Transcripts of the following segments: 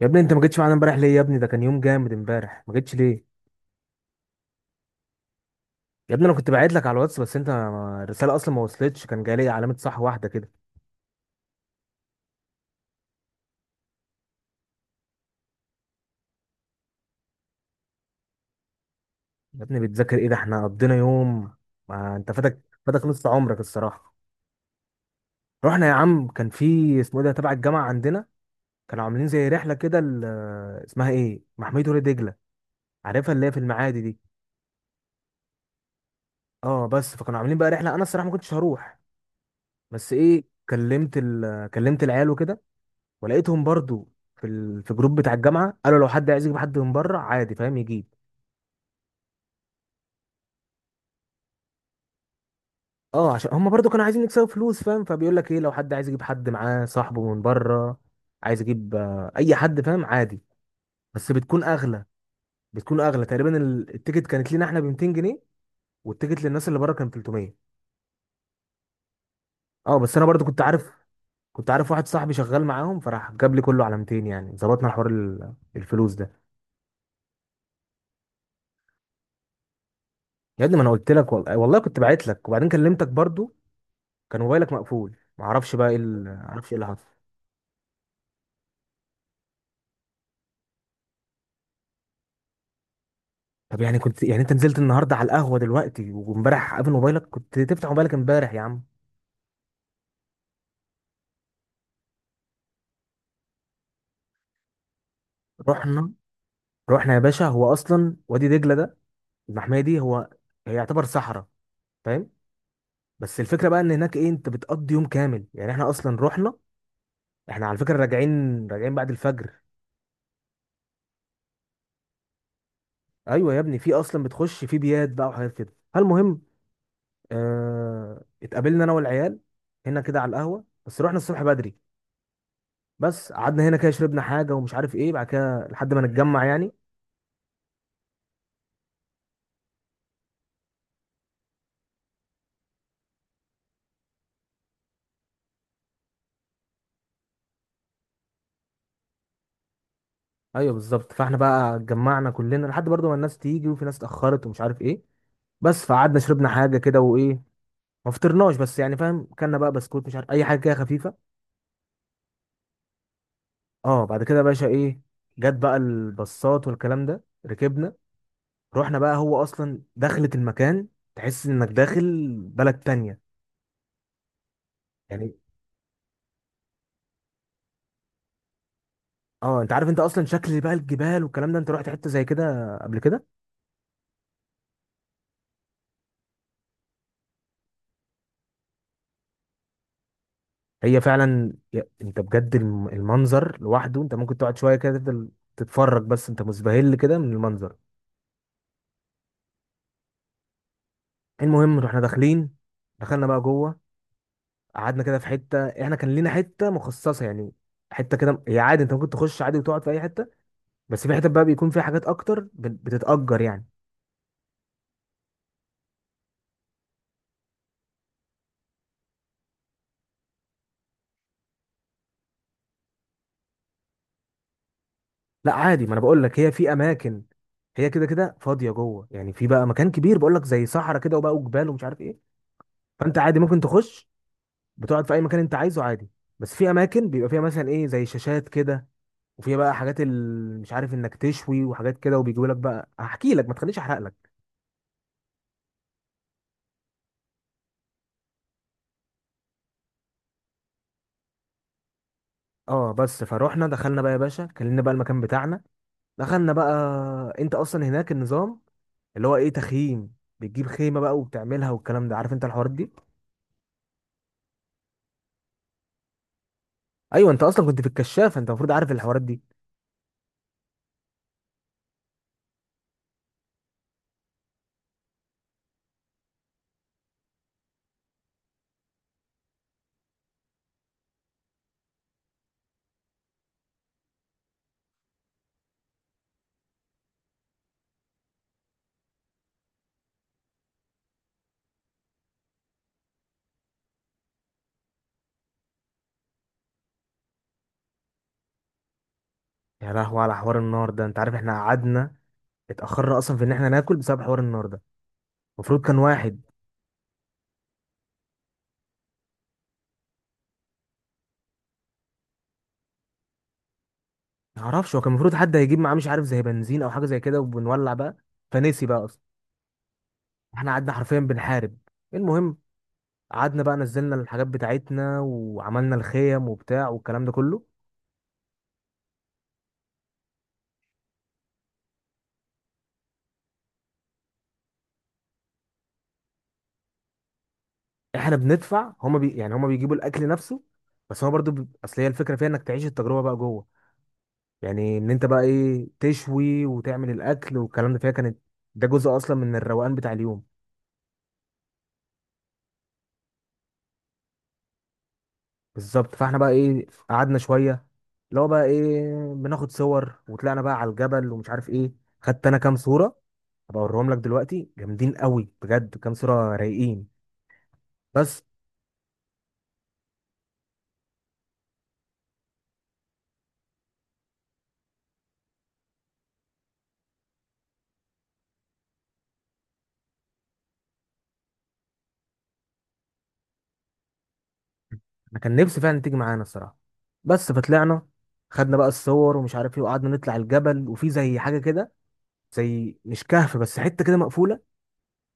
يا ابني انت ما جيتش معانا امبارح ليه؟ يا ابني ده كان يوم جامد امبارح، ما جيتش ليه؟ يا ابني انا كنت باعت لك على الواتس، بس انت الرساله اصلا ما وصلتش، كان جاي لي علامه صح واحده كده. يا ابني بتذاكر ايه؟ ده احنا قضينا يوم، ما انت فاتك فاتك نص عمرك الصراحه. رحنا يا عم، كان في اسمه ايه ده تبع الجامعه عندنا، كانوا عاملين زي رحله كده اسمها ايه، محميه وادي دجله، عارفها اللي هي في المعادي دي. اه، بس فكانوا عاملين بقى رحله، انا الصراحه ما كنتش هروح، بس ايه، كلمت العيال وكده، ولقيتهم برضو في جروب بتاع الجامعه، قالوا لو حد عايز يجيب حد من بره عادي، فاهم، يجيب. اه، عشان هم برضو كانوا عايزين يكسبوا فلوس، فاهم، فبيقول لك ايه، لو حد عايز يجيب حد معاه صاحبه من بره عايز يجيب اي حد، فاهم، عادي. بس بتكون اغلى، بتكون اغلى تقريبا التيكت كانت لينا احنا ب 200 جنيه، والتيكت للناس اللي بره كان 300. اه بس انا برضو كنت عارف، كنت عارف واحد صاحبي شغال معاهم، فراح جاب لي كله على 200، يعني ظبطنا حوار الفلوس ده. يا ابني ما انا قلت لك، والله والله كنت بعت لك وبعدين كلمتك برضو، كان موبايلك مقفول، معرفش بقى ايه معرفش ايه اللي حصل. طب يعني كنت، يعني انت نزلت النهارده على القهوه دلوقتي وامبارح قافل موبايلك؟ كنت تفتح موبايلك امبارح يا عم. رحنا، رحنا يا باشا، هو اصلا وادي دجله ده، المحميه دي، هو هي يعتبر صحراء، فاهم. بس الفكره بقى ان هناك ايه، انت بتقضي يوم كامل، يعني احنا اصلا رحنا، احنا على فكره راجعين راجعين بعد الفجر. ايوه يا ابني، في اصلا بتخش في بيات بقى وحاجات كده. المهم، اتقابلنا انا والعيال هنا كده على القهوه، بس رحنا الصبح بدري. بس قعدنا هنا كده شربنا حاجه ومش عارف ايه بعد كده لحد ما نتجمع يعني. ايوه بالظبط، فاحنا بقى اتجمعنا كلنا لحد برضه ما الناس تيجي، وفي ناس اتاخرت ومش عارف ايه. بس فقعدنا شربنا حاجه كده وايه، ما فطرناش بس يعني، فاهم، كلنا بقى بسكوت مش عارف اي حاجه كده خفيفه. اه، بعد كده يا باشا ايه، جت بقى الباصات والكلام ده، ركبنا. رحنا بقى، هو اصلا دخلة المكان تحس انك داخل بلد تانية، يعني. اه، انت عارف انت اصلا شكل بقى الجبال والكلام ده، انت رحت حته زي كده قبل كده؟ هي فعلا انت بجد المنظر لوحده انت ممكن تقعد شويه كده، تفضل تتفرج بس انت مسبهل كده من المنظر. المهم، رحنا داخلين، دخلنا بقى جوه، قعدنا كده في حته، احنا كان لينا حته مخصصه يعني. حته كده، هي عادي انت ممكن تخش عادي وتقعد في اي حته، بس في حته بقى بيكون فيها حاجات اكتر بتتأجر يعني. لا عادي، ما انا بقول لك، هي في اماكن، هي كده كده فاضيه جوه، يعني في بقى مكان كبير بقول لك زي صحراء كده، وبقى وجبال ومش عارف ايه. فانت عادي ممكن تخش، بتقعد في اي مكان انت عايزه عادي. بس في اماكن بيبقى فيها مثلا ايه زي شاشات كده، وفيها بقى مش عارف انك تشوي وحاجات كده، وبيجيبوا لك بقى، هحكي لك، ما تخليش احرق لك. اه بس فروحنا دخلنا بقى يا باشا، كلمنا بقى المكان بتاعنا، دخلنا بقى. انت اصلا هناك النظام اللي هو ايه، تخييم، بتجيب خيمه بقى وبتعملها والكلام ده، عارف انت الحوارات دي، ايوه، انت اصلا كنت في الكشاف، انت المفروض عارف الحوارات دي. يا لهوي على حوار النار ده، انت عارف احنا قعدنا اتاخرنا اصلا في ان احنا ناكل بسبب حوار النار ده، المفروض كان واحد، معرفش هو كان المفروض حد هيجيب معاه مش عارف زي بنزين او حاجه زي كده وبنولع بقى، فنسي بقى اصلا. احنا قعدنا حرفيا بنحارب. المهم، قعدنا بقى، نزلنا الحاجات بتاعتنا وعملنا الخيم وبتاع والكلام ده كله. احنا بندفع، هما يعني هما بيجيبوا الاكل نفسه، بس هو برضو اصل هي الفكره فيها انك تعيش التجربه بقى جوه، يعني ان انت بقى ايه، تشوي وتعمل الاكل والكلام ده، فيها كانت، ده جزء اصلا من الروقان بتاع اليوم. بالظبط، فاحنا بقى ايه، قعدنا شويه، اللي هو بقى ايه بناخد صور، وطلعنا بقى على الجبل ومش عارف ايه. خدت انا كام صوره، هبقى اوريهم لك دلوقتي جامدين قوي بجد، كام صوره رايقين. بس انا كان نفسي فعلا تيجي معانا الصراحه. بس فطلعنا، خدنا بقى الصور ومش عارف ايه، وقعدنا نطلع الجبل، وفي زي حاجه كده، زي مش كهف بس حته كده مقفوله،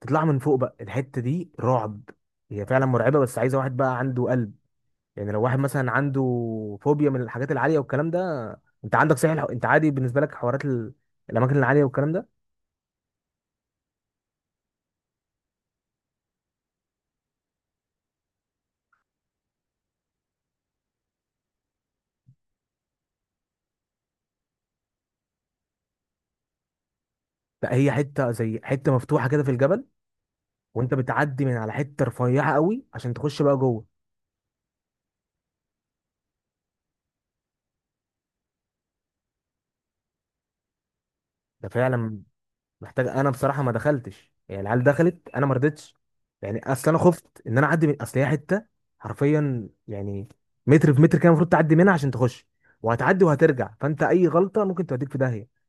تطلع من فوق بقى الحته دي رعب. هي فعلا مرعبه، بس عايزه واحد بقى عنده قلب، يعني لو واحد مثلا عنده فوبيا من الحاجات العاليه والكلام ده. انت عندك صحيح انت عادي بالنسبه لك حوارات الاماكن العاليه والكلام ده؟ لا هي حته زي حته مفتوحه كده في الجبل، وانت بتعدي من على حته رفيعه قوي عشان تخش بقى جوه. ده فعلا محتاج، انا بصراحه ما دخلتش، يعني العيال دخلت انا ما رضيتش، يعني اصل انا خفت ان انا اعدي، من اصل هي حته حرفيا يعني متر في متر كده المفروض تعدي منها عشان تخش، وهتعدي وهترجع، فانت اي غلطه ممكن توديك في داهيه.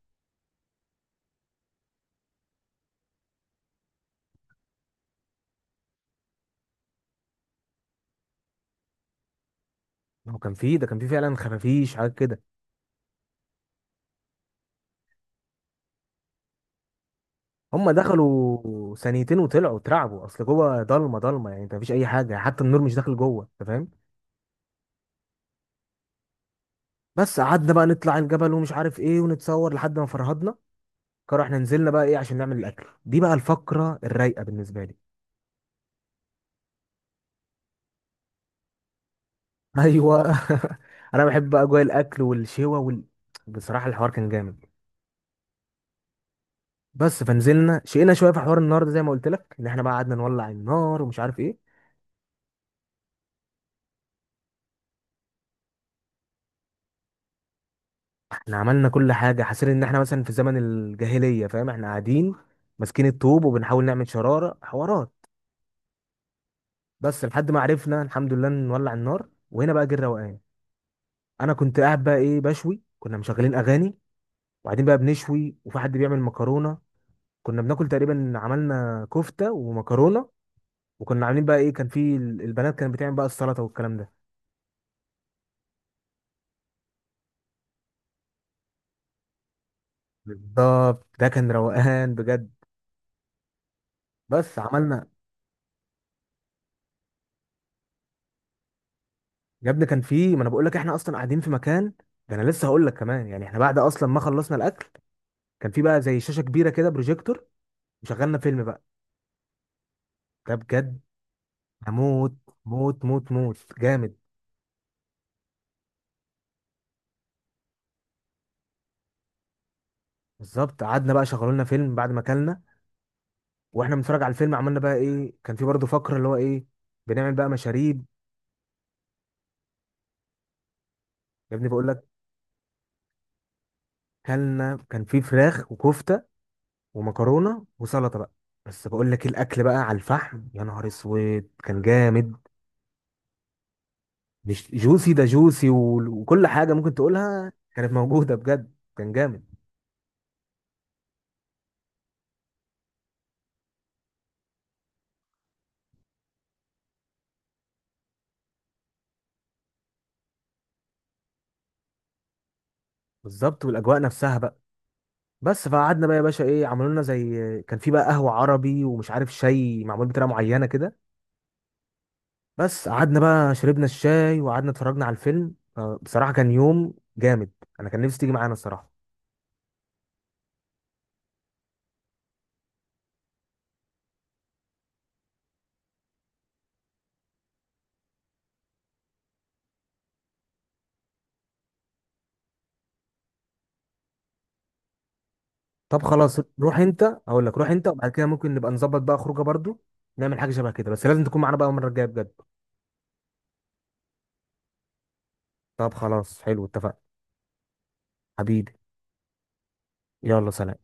ما هو كان فيه، ده كان فيه فعلا خفافيش حاجات كده. هم دخلوا ثانيتين وطلعوا اترعبوا، اصل جوه ضلمه ضلمه يعني، انت مفيش اي حاجه، حتى النور مش داخل جوه انت، فاهم. بس قعدنا بقى نطلع الجبل ومش عارف ايه ونتصور لحد ما فرهدنا، قرر احنا نزلنا بقى ايه عشان نعمل الاكل، دي بقى الفقره الرايقه بالنسبه لي. ايوه. انا بحب بقى اجواء الاكل والشوا بصراحه الحوار كان جامد. بس فنزلنا شقينا شويه في حوار النار ده زي ما قلت لك، ان احنا بقى قعدنا نولع النار ومش عارف ايه. احنا عملنا كل حاجة حاسين ان احنا مثلا في زمن الجاهلية، فاهم، احنا قاعدين ماسكين الطوب وبنحاول نعمل شرارة حوارات. بس لحد ما عرفنا الحمد لله نولع النار، وهنا بقى جه الروقان. انا كنت قاعد بقى ايه بشوي، كنا مشغلين اغاني، وبعدين بقى بنشوي، وفي حد بيعمل مكرونة. كنا بناكل تقريبا عملنا كفتة ومكرونة، وكنا عاملين بقى ايه، كان في البنات كانت بتعمل بقى السلطة والكلام ده. بالظبط، ده كان روقان بجد. بس عملنا، يا ابني كان في، ما انا بقول لك احنا اصلا قاعدين في مكان، ده انا لسه هقول لك كمان، يعني احنا بعد اصلا ما خلصنا الاكل، كان في بقى زي شاشه كبيره كده، بروجيكتور، وشغلنا فيلم بقى. ده بجد هموت، موت موت موت جامد. بالظبط، قعدنا بقى شغلوا لنا فيلم بعد ما اكلنا، واحنا بنتفرج على الفيلم عملنا بقى ايه، كان في برضه فقره اللي هو ايه، بنعمل بقى مشاريب. يا ابني بقول لك، كلنا كان في فراخ وكفته ومكرونه وسلطه بقى. بس بقول لك الاكل بقى على الفحم، يا نهار اسود كان جامد. مش جوسي ده، جوسي وكل حاجه ممكن تقولها كانت موجوده بجد، كان جامد. بالظبط والاجواء نفسها بقى. بس فقعدنا بقى يا باشا ايه، عملوا لنا زي، كان في بقى قهوه عربي ومش عارف شاي معمول بطريقه معينه كده. بس قعدنا بقى شربنا الشاي وقعدنا اتفرجنا على الفيلم. بصراحه كان يوم جامد، انا كان نفسي تيجي معانا الصراحه. طب خلاص روح انت، اقول لك روح انت، وبعد كده ممكن نبقى نظبط بقى خروجه برضو، نعمل حاجه شبه كده، بس لازم تكون معانا بقى المره الجايه بجد. طب خلاص حلو، اتفقنا، حبيبي. يلا سلام.